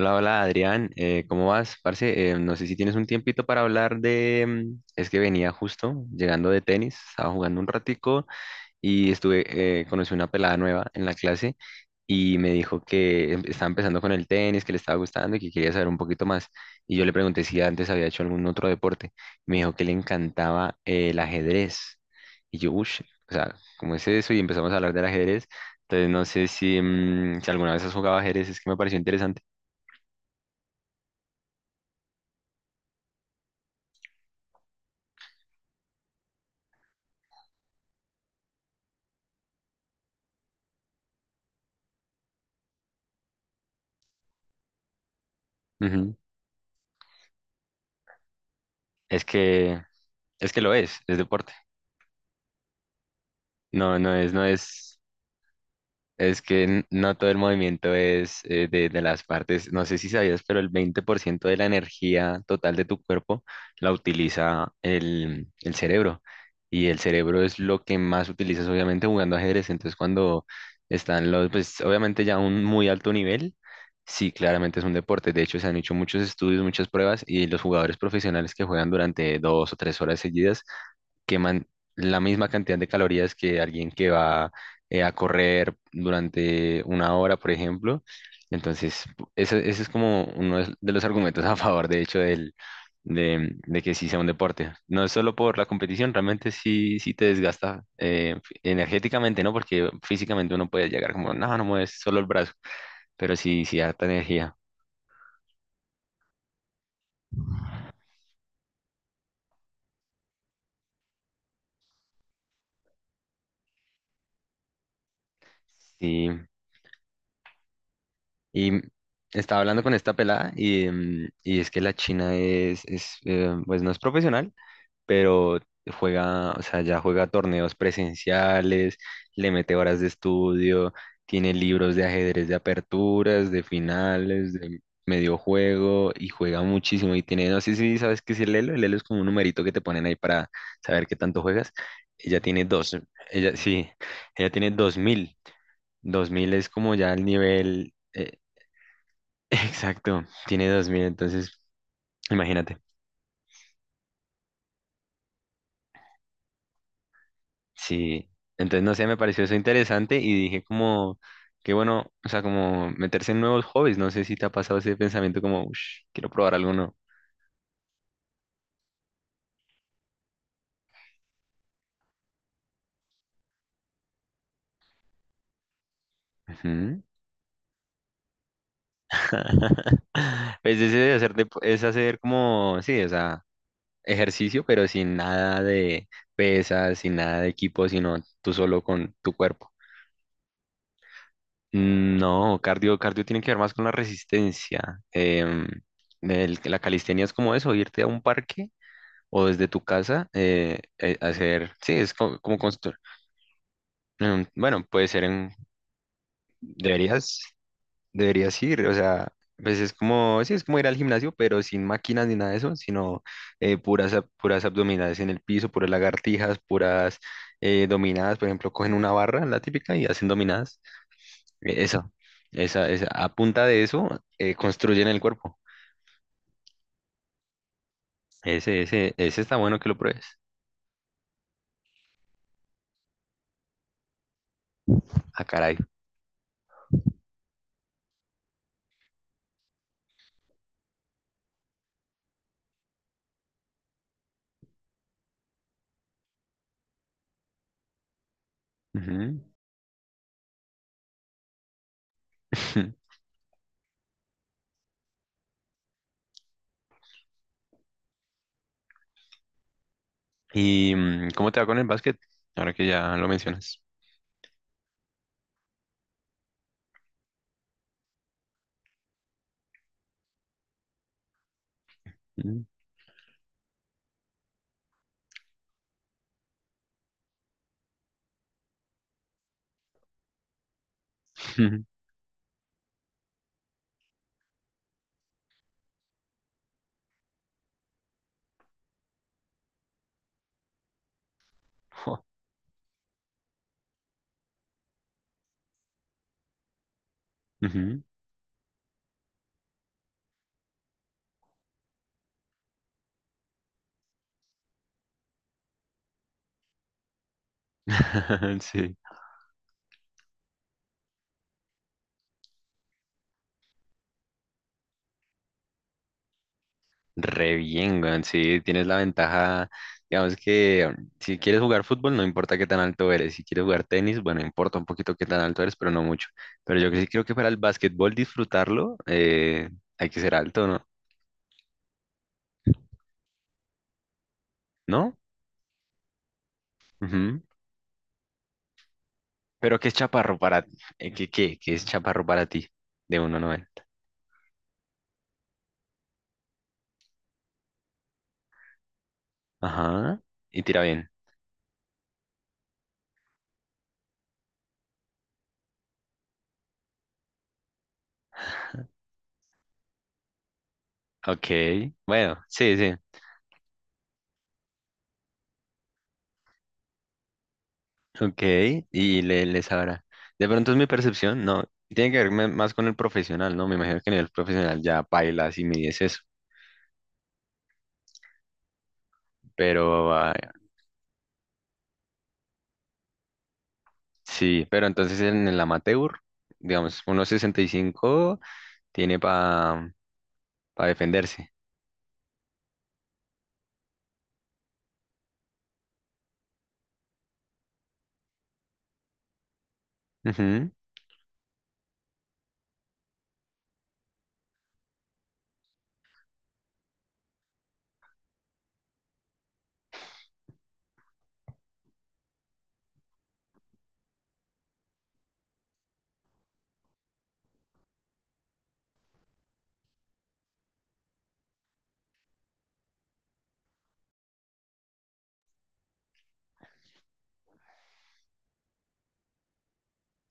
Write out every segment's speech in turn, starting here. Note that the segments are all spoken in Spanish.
Hola, Adrián, ¿cómo vas? Parce, no sé si tienes un tiempito para hablar es que venía justo llegando de tenis, estaba jugando un ratico y conocí una pelada nueva en la clase y me dijo que estaba empezando con el tenis, que le estaba gustando y que quería saber un poquito más. Y yo le pregunté si antes había hecho algún otro deporte. Me dijo que le encantaba el ajedrez. Y yo, uff, o sea, ¿cómo es eso? Y empezamos a hablar del ajedrez. Entonces no sé si alguna vez has jugado ajedrez, es que me pareció interesante. Ujú. Es que, es que lo es deporte. No, no es, es que no todo el movimiento es de las partes. No sé si sabías, pero el 20% de la energía total de tu cuerpo la utiliza el cerebro. Y el cerebro es lo que más utilizas, obviamente, jugando ajedrez. Entonces, cuando están los, pues obviamente ya a un muy alto nivel, sí, claramente es un deporte. De hecho, se han hecho muchos estudios, muchas pruebas, y los jugadores profesionales que juegan durante 2 o 3 horas seguidas queman la misma cantidad de calorías que alguien que va a correr durante una hora, por ejemplo. Entonces, eso, eso es como uno de los argumentos a favor, de hecho, de que sí sea un deporte. No es solo por la competición, realmente sí, sí te desgasta energéticamente, ¿no? Porque físicamente uno puede llegar como, no, no mueves solo el brazo, pero sí, sí harta energía. Sí. Y estaba hablando con esta pelada y es que la China es, pues no es profesional, pero juega, o sea, ya juega torneos presenciales, le mete horas de estudio, tiene libros de ajedrez de aperturas, de finales, de medio juego y juega muchísimo y tiene, no sé si sabes qué es el Elo es como un numerito que te ponen ahí para saber qué tanto juegas. Ella tiene dos, ella sí, ella tiene 2000. 2000 es como ya el nivel. Exacto, tiene 2000, entonces imagínate. Sí, entonces no sé, me pareció eso interesante y dije como, qué bueno, o sea, como meterse en nuevos hobbies, no sé si te ha pasado ese pensamiento como, "Ush, quiero probar algo nuevo." Ujú. Pues ese de es hacer como, sí, o sea, ejercicio, pero sin nada de pesas, sin nada de equipo, sino tú solo con tu cuerpo. No, cardio tiene que ver más con la resistencia. La calistenia es como eso, irte a un parque o desde tu casa hacer, sí, es como, construir. Bueno, puede ser en, deberías, deberías ir, o sea, pues es como, sí, es como ir al gimnasio, pero sin máquinas ni nada de eso, sino puras, puras abdominales en el piso, puras lagartijas, puras dominadas, por ejemplo, cogen una barra, la típica, y hacen dominadas. Eso, esa, a punta de eso construyen el cuerpo. Ese está bueno que lo pruebes. Ah, caray. Ujú. ¿Y cómo te va con el básquet? Ahora que ya lo mencionas. Ujú. Jo. Ujú. Sí, re bien, weón. Sí, tienes la ventaja. Digamos que si quieres jugar fútbol, no importa qué tan alto eres. Si quieres jugar tenis, bueno, importa un poquito qué tan alto eres, pero no mucho. Pero yo que sí creo que para el básquetbol disfrutarlo, hay que ser alto, ¿no? ¿No? Ujú. Pero ¿qué es chaparro para ti? ¿Qué es chaparro para ti? De 1,90. Ajá. Y tira bien. Ok. Bueno, sí, sí. Ok. Y le sabrá. De pronto es mi percepción. No. Tiene que ver más con el profesional, ¿no? Me imagino que en el profesional ya bailas y mides eso. Pero ah, sí. Pero entonces en el amateur, digamos, 1,65 tiene para defenderse. Ujú.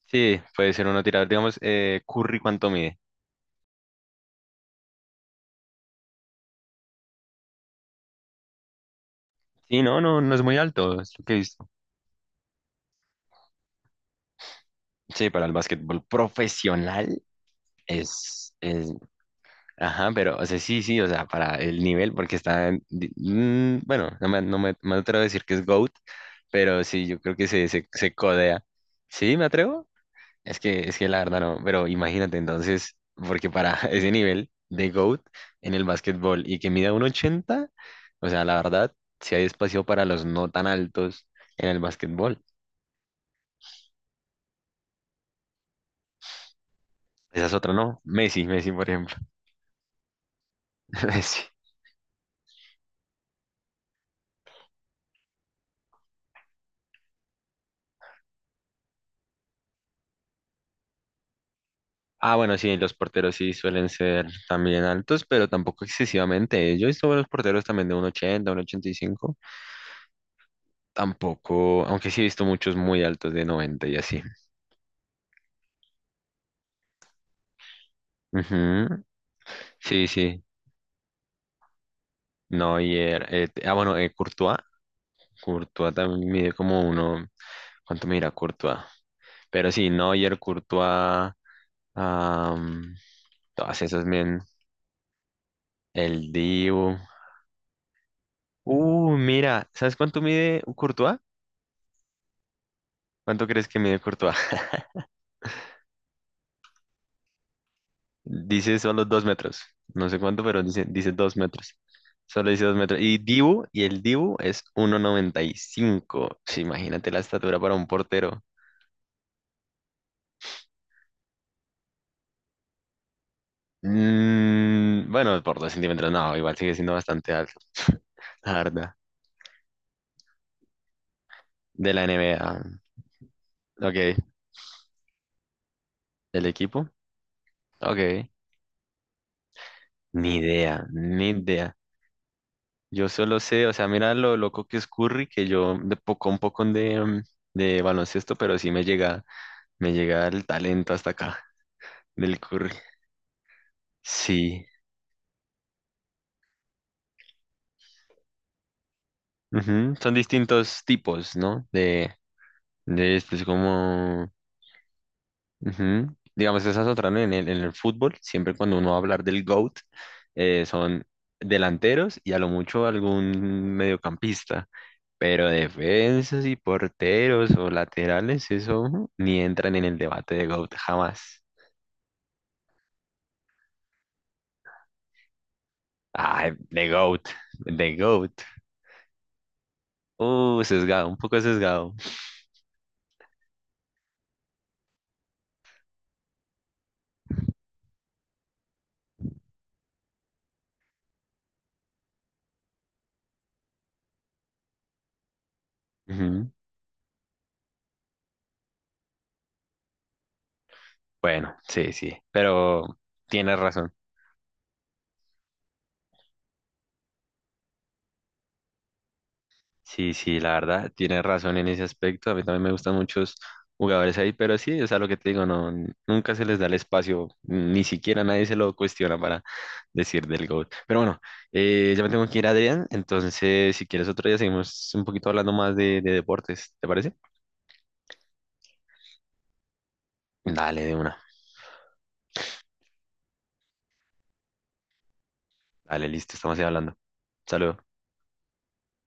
Sí, puede ser uno tirador. Digamos, Curry, ¿cuánto mide? Sí, no, no, no es muy alto. Es lo que es- Sí, para el básquetbol profesional es, es, ajá, pero, o sea, sí, sí, o sea, para el nivel, porque está, bueno, no me atrevo a decir que es GOAT, pero sí, yo creo que se codea. ¿Sí, me atrevo? Es que la verdad no, pero imagínate entonces, porque para ese nivel de GOAT en el básquetbol y que mida un 80, o sea, la verdad, si hay espacio para los no tan altos en el básquetbol. Esa es otra, ¿no? Messi, Messi, por ejemplo. Messi. Ah, bueno, sí, los porteros sí suelen ser también altos, pero tampoco excesivamente. Yo he visto buenos porteros también de 1,80 1,85. Tampoco, aunque sí he visto muchos muy altos de noventa y así. Ujú. Sí, sí. Neuer. Courtois. Courtois también mide como uno. ¿Cuánto mira Courtois? Pero sí, Neuer, Courtois. am, Todas esas bien. El Dibu. Mira, ¿sabes cuánto mide Courtois? ¿Cuánto crees que mide Courtois? Dice solo 2 metros. No sé cuánto, pero dice 2 metros. Solo dice 2 metros. Y Dibu, y el Dibu es 1,95. Sí, imagínate la estatura para un portero. Bueno, por 2 centímetros, no, igual sigue siendo bastante alto. La verdad. De la NBA. Ok, el equipo. Ok, ni idea, ni idea. Yo solo sé, o sea, mira lo loco que es Curry, que yo de poco un poco de, baloncesto, pero sí me llega el talento hasta acá del Curry. Sí. Ujú. Son distintos tipos, ¿no? De esto, es como. Ujú. Digamos, esas otras, ¿no? En el fútbol, siempre cuando uno va a hablar del GOAT, son delanteros y a lo mucho algún mediocampista, pero defensas y porteros o laterales, eso ujú, ni entran en el debate de GOAT jamás. Ah, de GOAT, de GOAT. Sesgado, un poco sesgado. Ujú. Bueno, sí, sí, pero tienes razón. Sí, sí, la verdad, tienes razón en ese aspecto. A mí también me gustan muchos jugadores ahí, pero sí, o sea, lo que te digo, no, nunca se les da el espacio, ni siquiera nadie se lo cuestiona para decir del GOAT. Pero bueno, ya me tengo que ir, Adrián, entonces si quieres otro día seguimos un poquito hablando más de deportes, ¿te parece? Dale, de una. Dale, listo, estamos ahí hablando. Saludos.